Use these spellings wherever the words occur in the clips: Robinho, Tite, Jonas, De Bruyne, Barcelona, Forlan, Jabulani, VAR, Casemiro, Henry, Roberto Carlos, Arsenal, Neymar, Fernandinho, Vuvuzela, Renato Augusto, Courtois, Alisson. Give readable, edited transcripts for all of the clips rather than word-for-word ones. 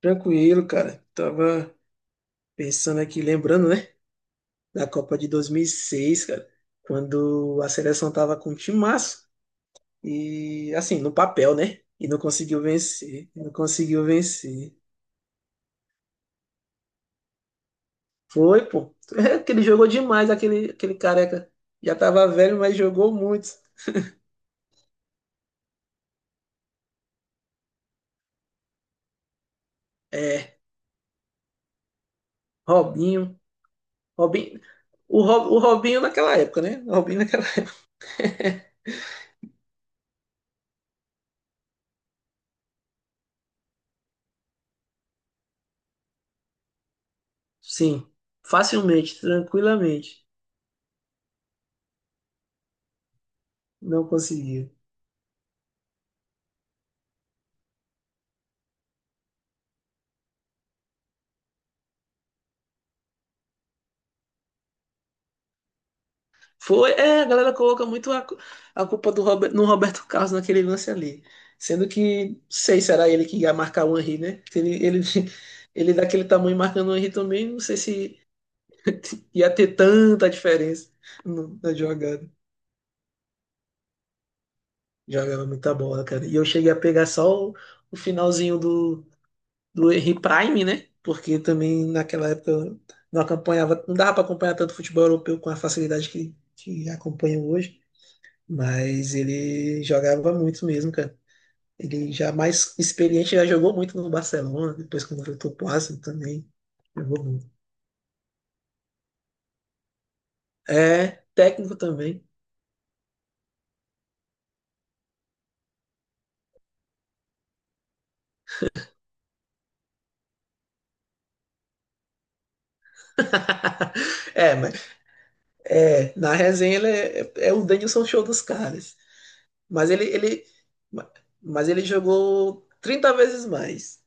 Tranquilo, cara. Tava pensando aqui, lembrando, né, da Copa de 2006, cara, quando a seleção tava com um timaço e, assim, no papel, né, e não conseguiu vencer, não conseguiu vencer. Foi, pô. É que jogou demais, aquele careca. Já tava velho, mas jogou muito. É, Robinho, Robinho, o Robinho naquela época, né, o Robinho naquela. Sim, facilmente, tranquilamente, não conseguiu. Foi, é, a galera coloca muito a culpa no Roberto Carlos naquele lance ali. Sendo que, não sei, será ele que ia marcar o Henry, né? Se ele daquele tamanho marcando o Henry também, não sei se ia ter tanta diferença na jogada. Jogava muita bola, cara. E eu cheguei a pegar só o finalzinho do Henry Prime, né? Porque também naquela época eu não acompanhava, não dava para acompanhar tanto futebol europeu com a facilidade que acompanho hoje. Mas ele jogava muito mesmo, cara. Ele já mais experiente, já jogou muito no Barcelona, depois quando voltou pro Arsenal também. Jogou muito. É, técnico também. É, mas é, na resenha ele é o Denilson Show dos caras. Mas ele, ele, ma- mas ele jogou 30 vezes mais.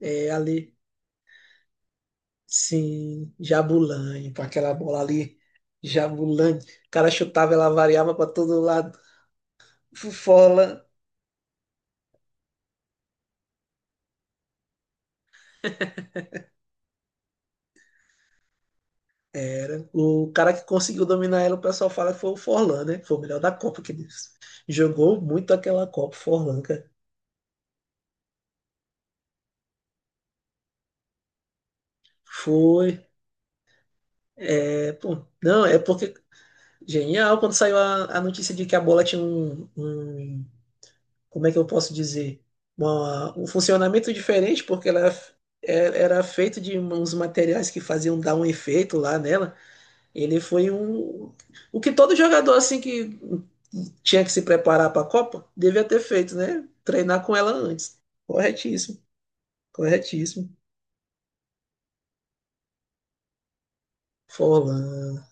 É, ali, sim, Jabulani, com aquela bola ali, Jabulani. O cara chutava, ela variava para todo lado. Fufola, era. O cara que conseguiu dominar ela, o pessoal fala que foi o Forlan, né? Foi o melhor da Copa que ele jogou muito aquela Copa, Forlan, cara. Foi. É, pô, não, é porque. Genial quando saiu a notícia de que a bola tinha. Como é que eu posso dizer? Um funcionamento diferente, porque ela era feito de uns materiais que faziam dar um efeito lá nela. Ele foi um. O que todo jogador assim que tinha que se preparar para a Copa devia ter feito, né? Treinar com ela antes. Corretíssimo, corretíssimo. Forlan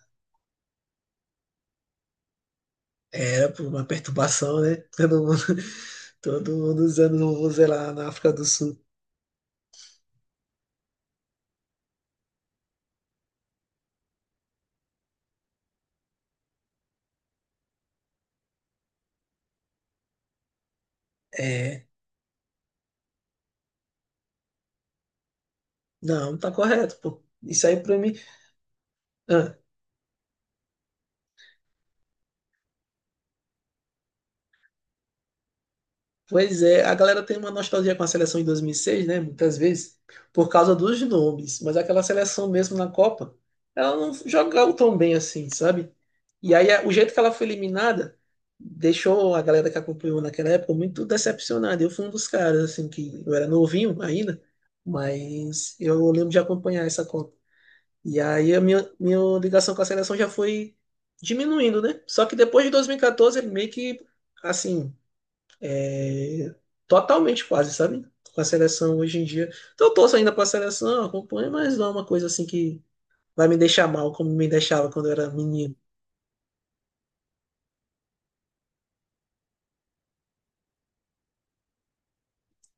era por uma perturbação, né? Todo mundo, todo mundo usando o Vuvuzela lá na África do Sul. É, não, tá correto, pô. Isso aí pra mim. Ah, pois é, a galera tem uma nostalgia com a seleção de 2006, né? Muitas vezes, por causa dos nomes, mas aquela seleção mesmo na Copa, ela não jogava tão bem assim, sabe? E aí o jeito que ela foi eliminada deixou a galera que acompanhou naquela época muito decepcionada. Eu fui um dos caras, assim, que eu era novinho ainda, mas eu lembro de acompanhar essa Copa. E aí a minha ligação com a seleção já foi diminuindo, né? Só que depois de 2014, ele meio que, assim, é, totalmente quase, sabe? Com a seleção hoje em dia. Então eu torço ainda pra seleção, acompanho, mas não é uma coisa assim que vai me deixar mal como me deixava quando eu era menino.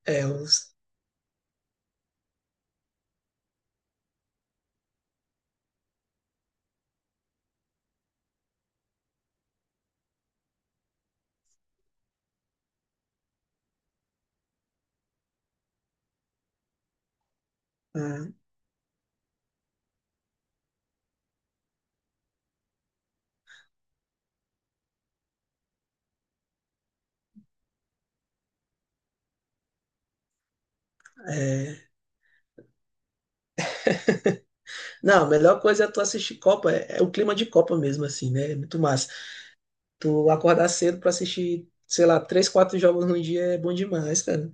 É, ah, é. Não, a melhor coisa é tu assistir Copa, é o clima de Copa mesmo, assim, né? É muito massa. Tu acordar cedo pra assistir, sei lá, três, quatro jogos no dia é bom demais, cara.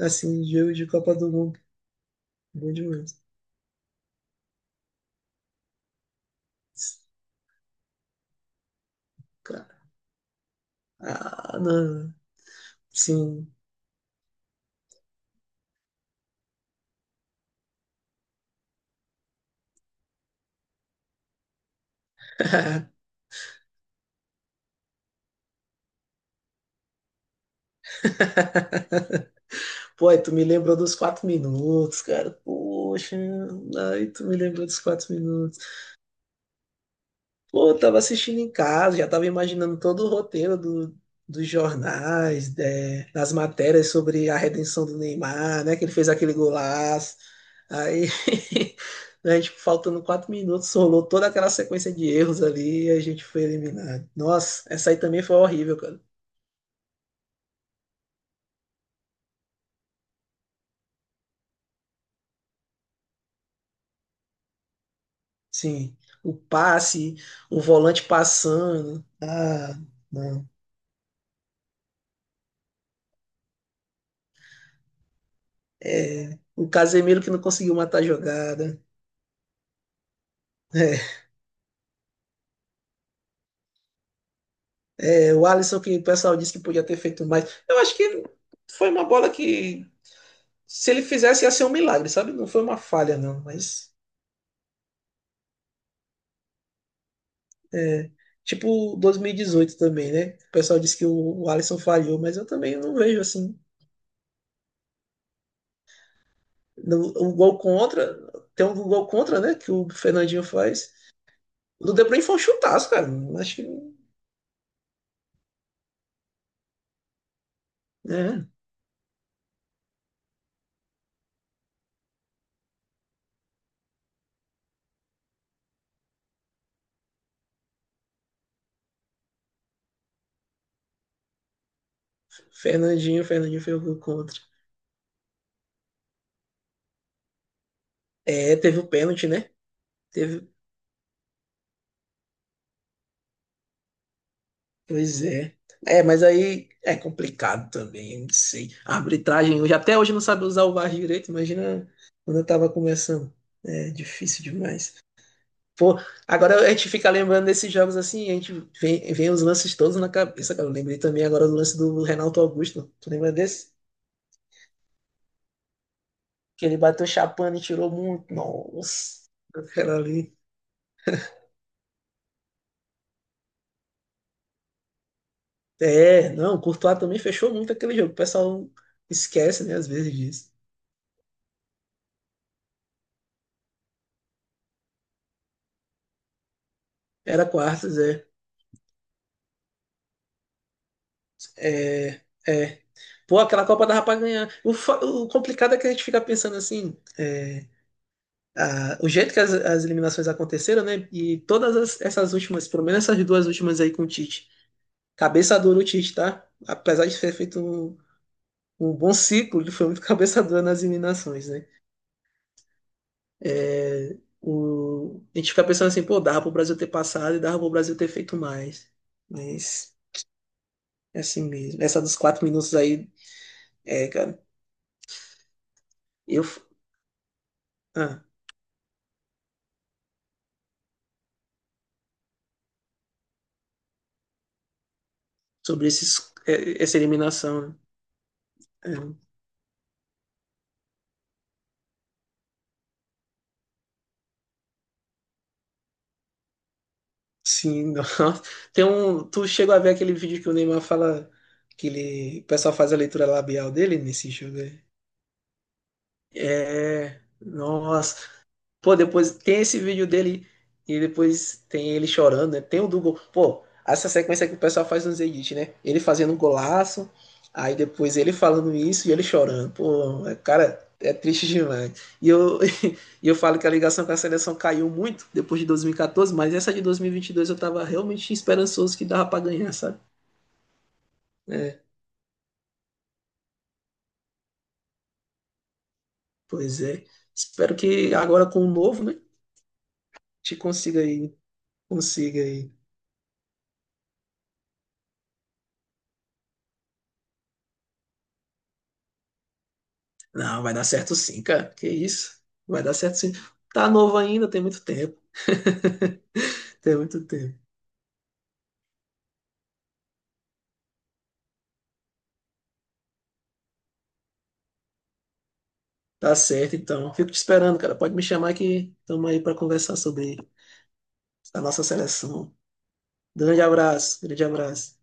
Assim, jogo de Copa do Mundo, bom demais. Cara, ah, não, sim. Pô, aí tu me lembrou dos 4 minutos, cara. Poxa, aí tu me lembrou dos 4 minutos. Pô, eu tava assistindo em casa, já tava imaginando todo o roteiro do, dos jornais, né, das matérias sobre a redenção do Neymar, né? Que ele fez aquele golaço. Aí, a gente, faltando 4 minutos, rolou toda aquela sequência de erros ali e a gente foi eliminado. Nossa, essa aí também foi horrível, cara. Sim, o passe, o volante passando. Ah, não. É, o Casemiro que não conseguiu matar a jogada. É, é, o Alisson que o pessoal disse que podia ter feito mais. Eu acho que foi uma bola que, se ele fizesse, ia ser um milagre, sabe? Não foi uma falha, não. Mas, é, tipo 2018 também, né? O pessoal disse que o Alisson falhou, mas eu também não vejo assim. O gol contra, tem um gol contra, né? Que o Fernandinho faz. O do De Bruyne foi um chutaço, cara. Acho que. Né? Fernandinho, Fernandinho fez o gol contra. É, teve o pênalti, né? Teve, pois é. É, mas aí é complicado também, eu não sei. A arbitragem hoje, até hoje não sabe usar o VAR direito, imagina quando eu tava começando. É difícil demais. Pô, agora a gente fica lembrando desses jogos assim, a gente vem, vem os lances todos na cabeça, cara. Eu lembrei também agora do lance do Renato Augusto. Tu lembra desse? Que ele bateu chapando e tirou muito. Nossa, aquela ali. É, não, o Courtois também fechou muito aquele jogo. O pessoal esquece, né, às vezes disso. Era quartas, é. É, é. Pô, aquela Copa dava pra ganhar. O complicado é que a gente fica pensando assim, é, o jeito que as eliminações aconteceram, né? E todas essas últimas, pelo menos essas duas últimas aí com o Tite. Cabeça dura o Tite, tá? Apesar de ter feito um bom ciclo, ele foi muito cabeça dura nas eliminações, né? É, a gente fica pensando assim, pô, dava pro Brasil ter passado e dava pro Brasil ter feito mais. Mas é assim mesmo. Essa dos 4 minutos aí, é, cara. Eu. Ah, sobre esses, é, essa eliminação, né? É, sim, nossa. Tem tu chegou a ver aquele vídeo que o Neymar fala que o pessoal faz a leitura labial dele nesse jogo aí? É, nossa. Pô, depois tem esse vídeo dele e depois tem ele chorando, né? Tem o do gol. Pô, essa sequência que o pessoal faz nos edits, né? Ele fazendo um golaço, aí depois ele falando isso e ele chorando. Pô, cara, é triste demais. E eu, e eu falo que a ligação com a seleção caiu muito depois de 2014, mas essa de dois mil e vinte e dois eu tava realmente esperançoso que dava pra ganhar, sabe? Pois é. Espero que agora com o novo, né? A gente consiga aí, consiga aí. Não, vai dar certo sim, cara. Que isso? Vai dar certo sim. Tá novo ainda, tem muito tempo. Tem muito tempo. Tá certo, então. Fico te esperando, cara. Pode me chamar que estamos aí para conversar sobre a nossa seleção. Grande abraço, grande abraço.